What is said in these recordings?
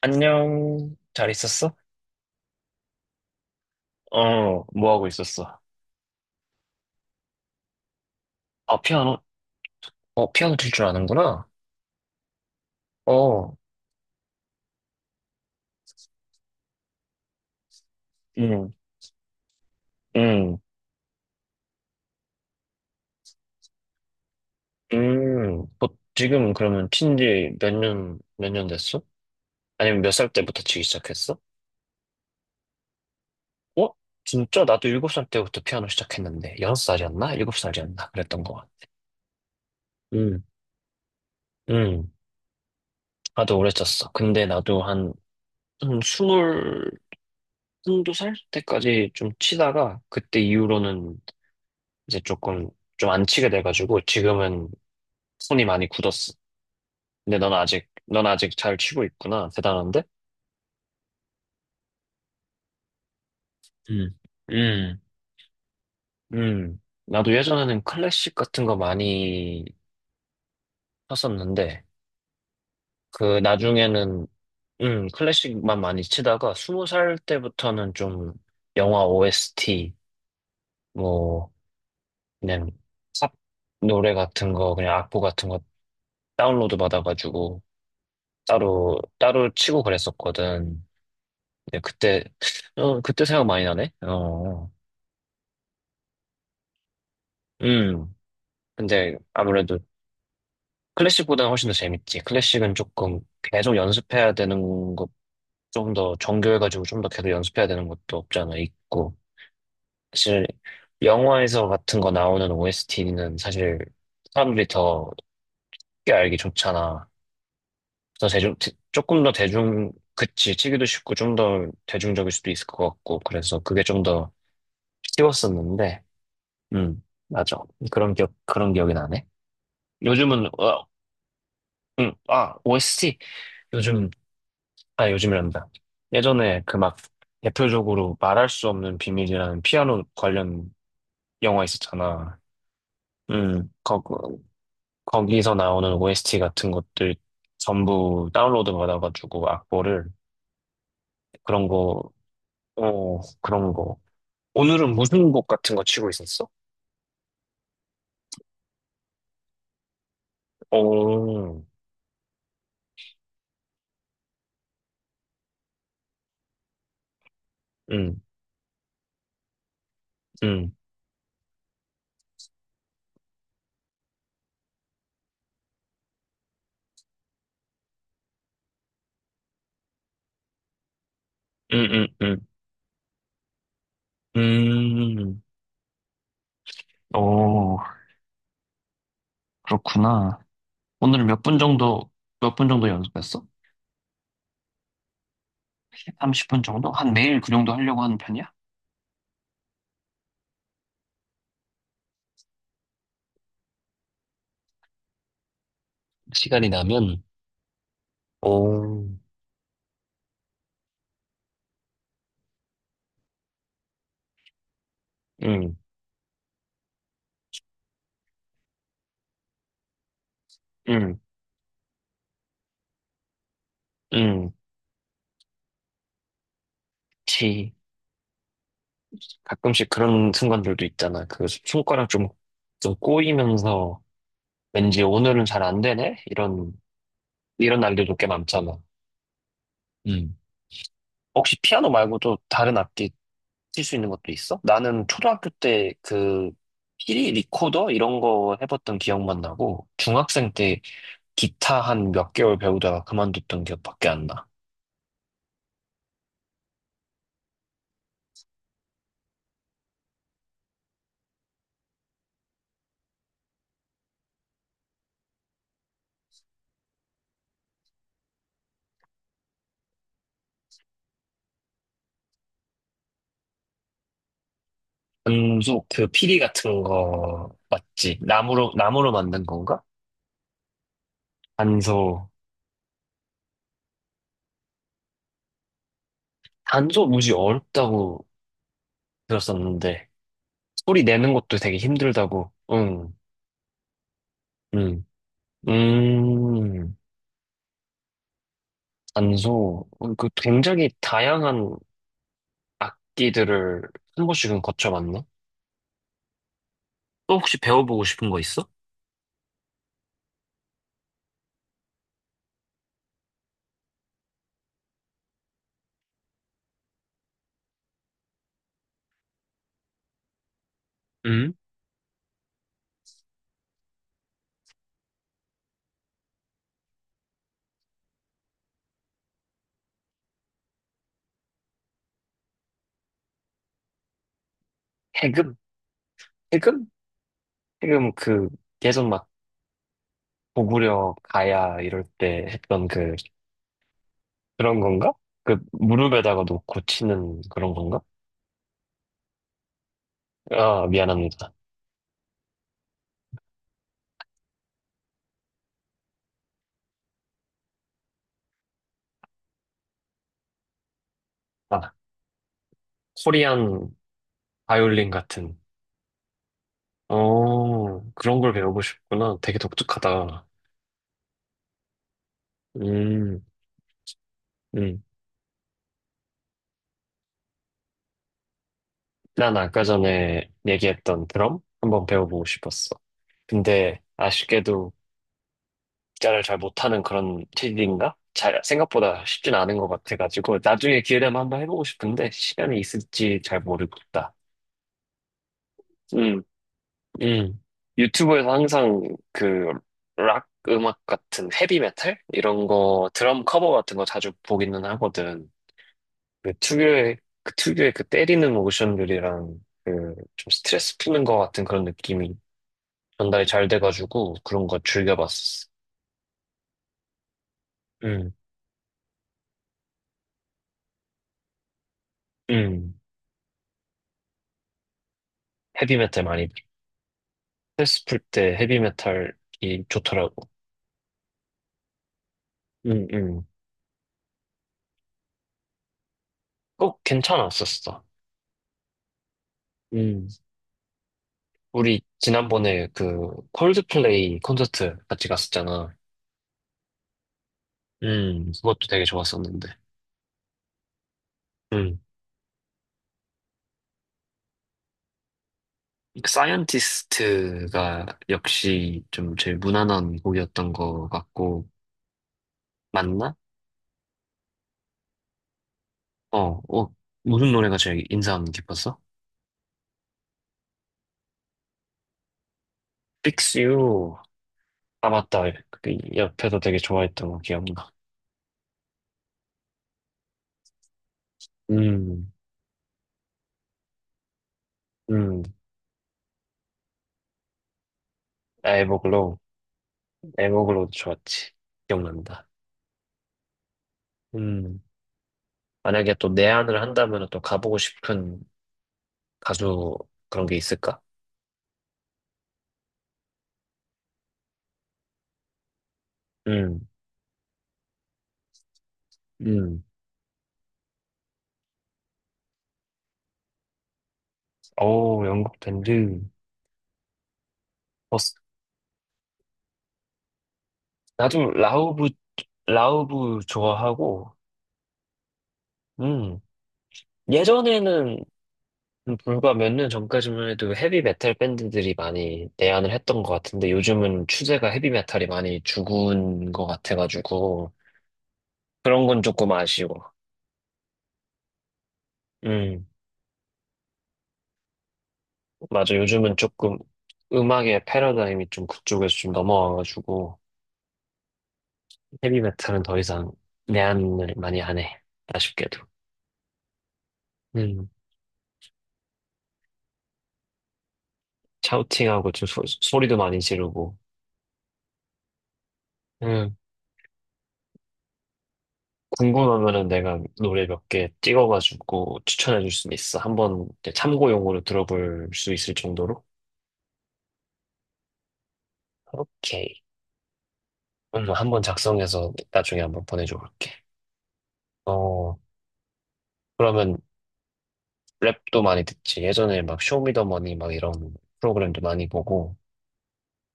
안녕. 잘 있었어? 어, 뭐 하고 있었어? 아, 피아노? 어, 피아노 칠 줄 아는구나? 어, 음, 음, 뭐, 지금 그러면 친지 몇 년 됐어? 아니면 몇 살 때부터 치기 시작했어? 어? 진짜? 나도 일곱 살 때부터 피아노 시작했는데, 여섯 살이었나? 일곱 살이었나? 그랬던 거 같아. 음, 음. 나도 오래 쳤어. 근데 나도 한, 한 스물, 한두 살 때까지 좀 치다가, 그때 이후로는 이제 조금 좀 안 치게 돼가지고 지금은 손이 많이 굳었어. 근데 넌 아직 잘 치고 있구나. 대단한데? 음, 음, 나도 예전에는 클래식 같은 거 많이 쳤었는데 그 나중에는 클래식만 많이 치다가 스무 살 때부터는 좀 영화 OST 뭐 그냥 삽 노래 같은 거 그냥 악보 같은 거 다운로드 받아가지고 따로 따로 치고 그랬었거든. 네, 그때, 어, 그때 생각 많이 나네? 어, 음. 근데 아무래도 클래식보다는 훨씬 더 재밌지. 클래식은 조금 계속 연습해야 되는 것, 좀 더 정교해가지고 좀 더 계속 연습해야 되는 것도 없잖아, 있고. 사실, 영화에서 같은 거 나오는 OST는 사실 사람들이 더 쉽게 알기 좋잖아. 조금 더 대중, 그치, 치기도 쉽고 좀 더 대중적일 수도 있을 것 같고. 그래서 그게 좀 더 쉬웠었는데. 음, 맞아. 그런 기억이 나네. 요즘은, 어, 아, OST. 요즘, 아, 요즘이란다. 예전에 그 막 대표적으로 말할 수 없는 비밀이라는 피아노 관련 영화 있었잖아. 음, 거, 거기서 나오는 OST 같은 것들 전부 다운로드 받아가지고 악보를 그런 거, 어, 그런 거. 오늘은 무슨 곡 같은 거 치고 있었어? 오, 음, 음, 음, 음, 음, 음, 음, 오. 그렇구나. 오늘 몇 분 정도, 몇 분 정도 연습했어? 30분 정도? 한 매일 그 정도 하려고 하는 편이야? 시간이 나면, 오, 응 응 응 치. 가끔씩 그런 순간들도 있잖아. 그 손가락 좀, 좀 꼬이면서 왠지 오늘은 잘 안 되네? 이런 날들도 꽤 많잖아. 음. 혹시 피아노 말고도 다른 악기 칠 수 있는 것도 있어? 나는 초등학교 때 그 피리 리코더 이런 거 해봤던 기억만 나고 중학생 때 기타 한 몇 개월 배우다가 그만뒀던 기억밖에 안 나. 안소 그 피리 같은 거 맞지? 나무로 만든 건가? 단소 단소 무지 어렵다고 들었었는데 소리 내는 것도 되게 힘들다고. 응, 응, 음, 단소 어, 그 굉장히 다양한 악기들을 한 번씩은 거쳐봤네. 또 혹시 배워보고 싶은 거 있어? 응? 해금? 해금? 해금 그 예전 막 고구려 가야 이럴 때 했던 그 그런 건가? 그 무릎에다가 놓고 치는 그런 건가? 아 미안합니다. 아 코리안 바이올린 같은 어 그런 걸 배우고 싶구나. 되게 독특하다. 음, 음. 난 아까 전에 얘기했던 드럼 한번 배워보고 싶었어. 근데 아쉽게도 기타를 잘 못하는 그런 체질인가? 잘 생각보다 쉽진 않은 것 같아가지고 나중에 기회 되면 한번 해보고 싶은데 시간이 있을지 잘 모르겠다. 음. 음. 유튜브에서 항상 그 락 음악 같은 헤비메탈 이런 거 드럼 커버 같은 거 자주 보기는 하거든. 그 특유의 그 때리는 모션들이랑 그 좀 스트레스 푸는 거 같은 그런 느낌이 전달이 잘 돼가지고 그런 거 즐겨봤었어. 음, 음. 헤비메탈 많이 들어. 스트레스 풀 때 헤비메탈이 좋더라고. 음, 음. 꼭 괜찮았었어. 음. 우리 지난번에 그 콜드플레이 콘서트 같이 갔었잖아. 그것도 되게 좋았었는데. 음. 사이언티스트가 역시 좀 제일 무난한 곡이었던 것 같고, 맞나? 어, 어, 무슨 노래가 제일 인상 깊었어? Fix You. 아, 맞다. 그 옆에서 되게 좋아했던 거 기억나. 음, 음, 에버글로우. 에버글로우도 좋았지. 기억난다. 음, 만약에 또 내한을 한다면 또 가보고 싶은 가수 그런 게 있을까? 음, 음. 오, 영국 밴드. 나도 라우브, 라우브 좋아하고, 음, 예전에는 불과 몇 년 전까지만 해도 헤비 메탈 밴드들이 많이 내한을 했던 것 같은데 요즘은 추세가 헤비 메탈이 많이 죽은 것 같아가지고 그런 건 조금 아쉬워. 음, 맞아. 요즘은 조금 음악의 패러다임이 좀 그쪽에서 좀 넘어와가지고 헤비 메탈은 더 이상 내한을 많이 안 해. 아쉽게도. 음, 샤우팅하고 좀 소리도 많이 지르고. 음. 궁금하면은 내가 노래 몇 개 찍어가지고 추천해 줄 수 있어. 한번 이제 참고용으로 들어볼 수 있을 정도로? 오케이. 한번 작성해서 나중에 한번 보내줘 볼게. 어, 그러면 랩도 많이 듣지. 예전에 막 쇼미더머니 막 이런 프로그램도 많이 보고,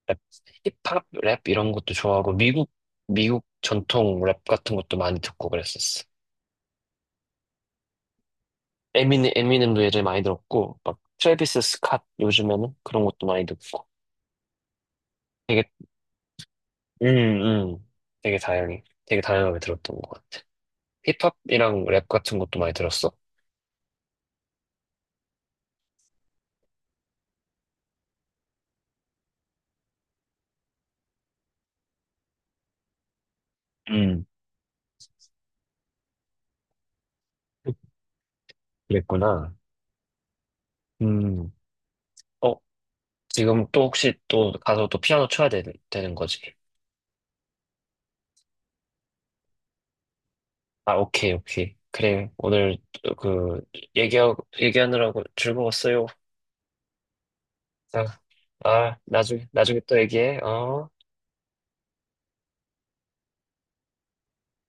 랩, 힙합 랩 이런 것도 좋아하고, 미국 전통 랩 같은 것도 많이 듣고 그랬었어. 에미넴도 예전에 많이 들었고, 막 트래비스 스캇 요즘에는 그런 것도 많이 듣고. 되게 음, 음. 되게 다양해. 되게 다양하게 들었던 것 같아. 힙합이랑 랩 같은 것도 많이 들었어? 음. 그랬구나. 음. 어, 지금 또 혹시 또 가서 또 피아노 쳐야 되는 거지? 아, 오케이, 오케이. 그래, 오늘 그, 얘기하느라고 즐거웠어요. 아, 나중에 또 얘기해. 어.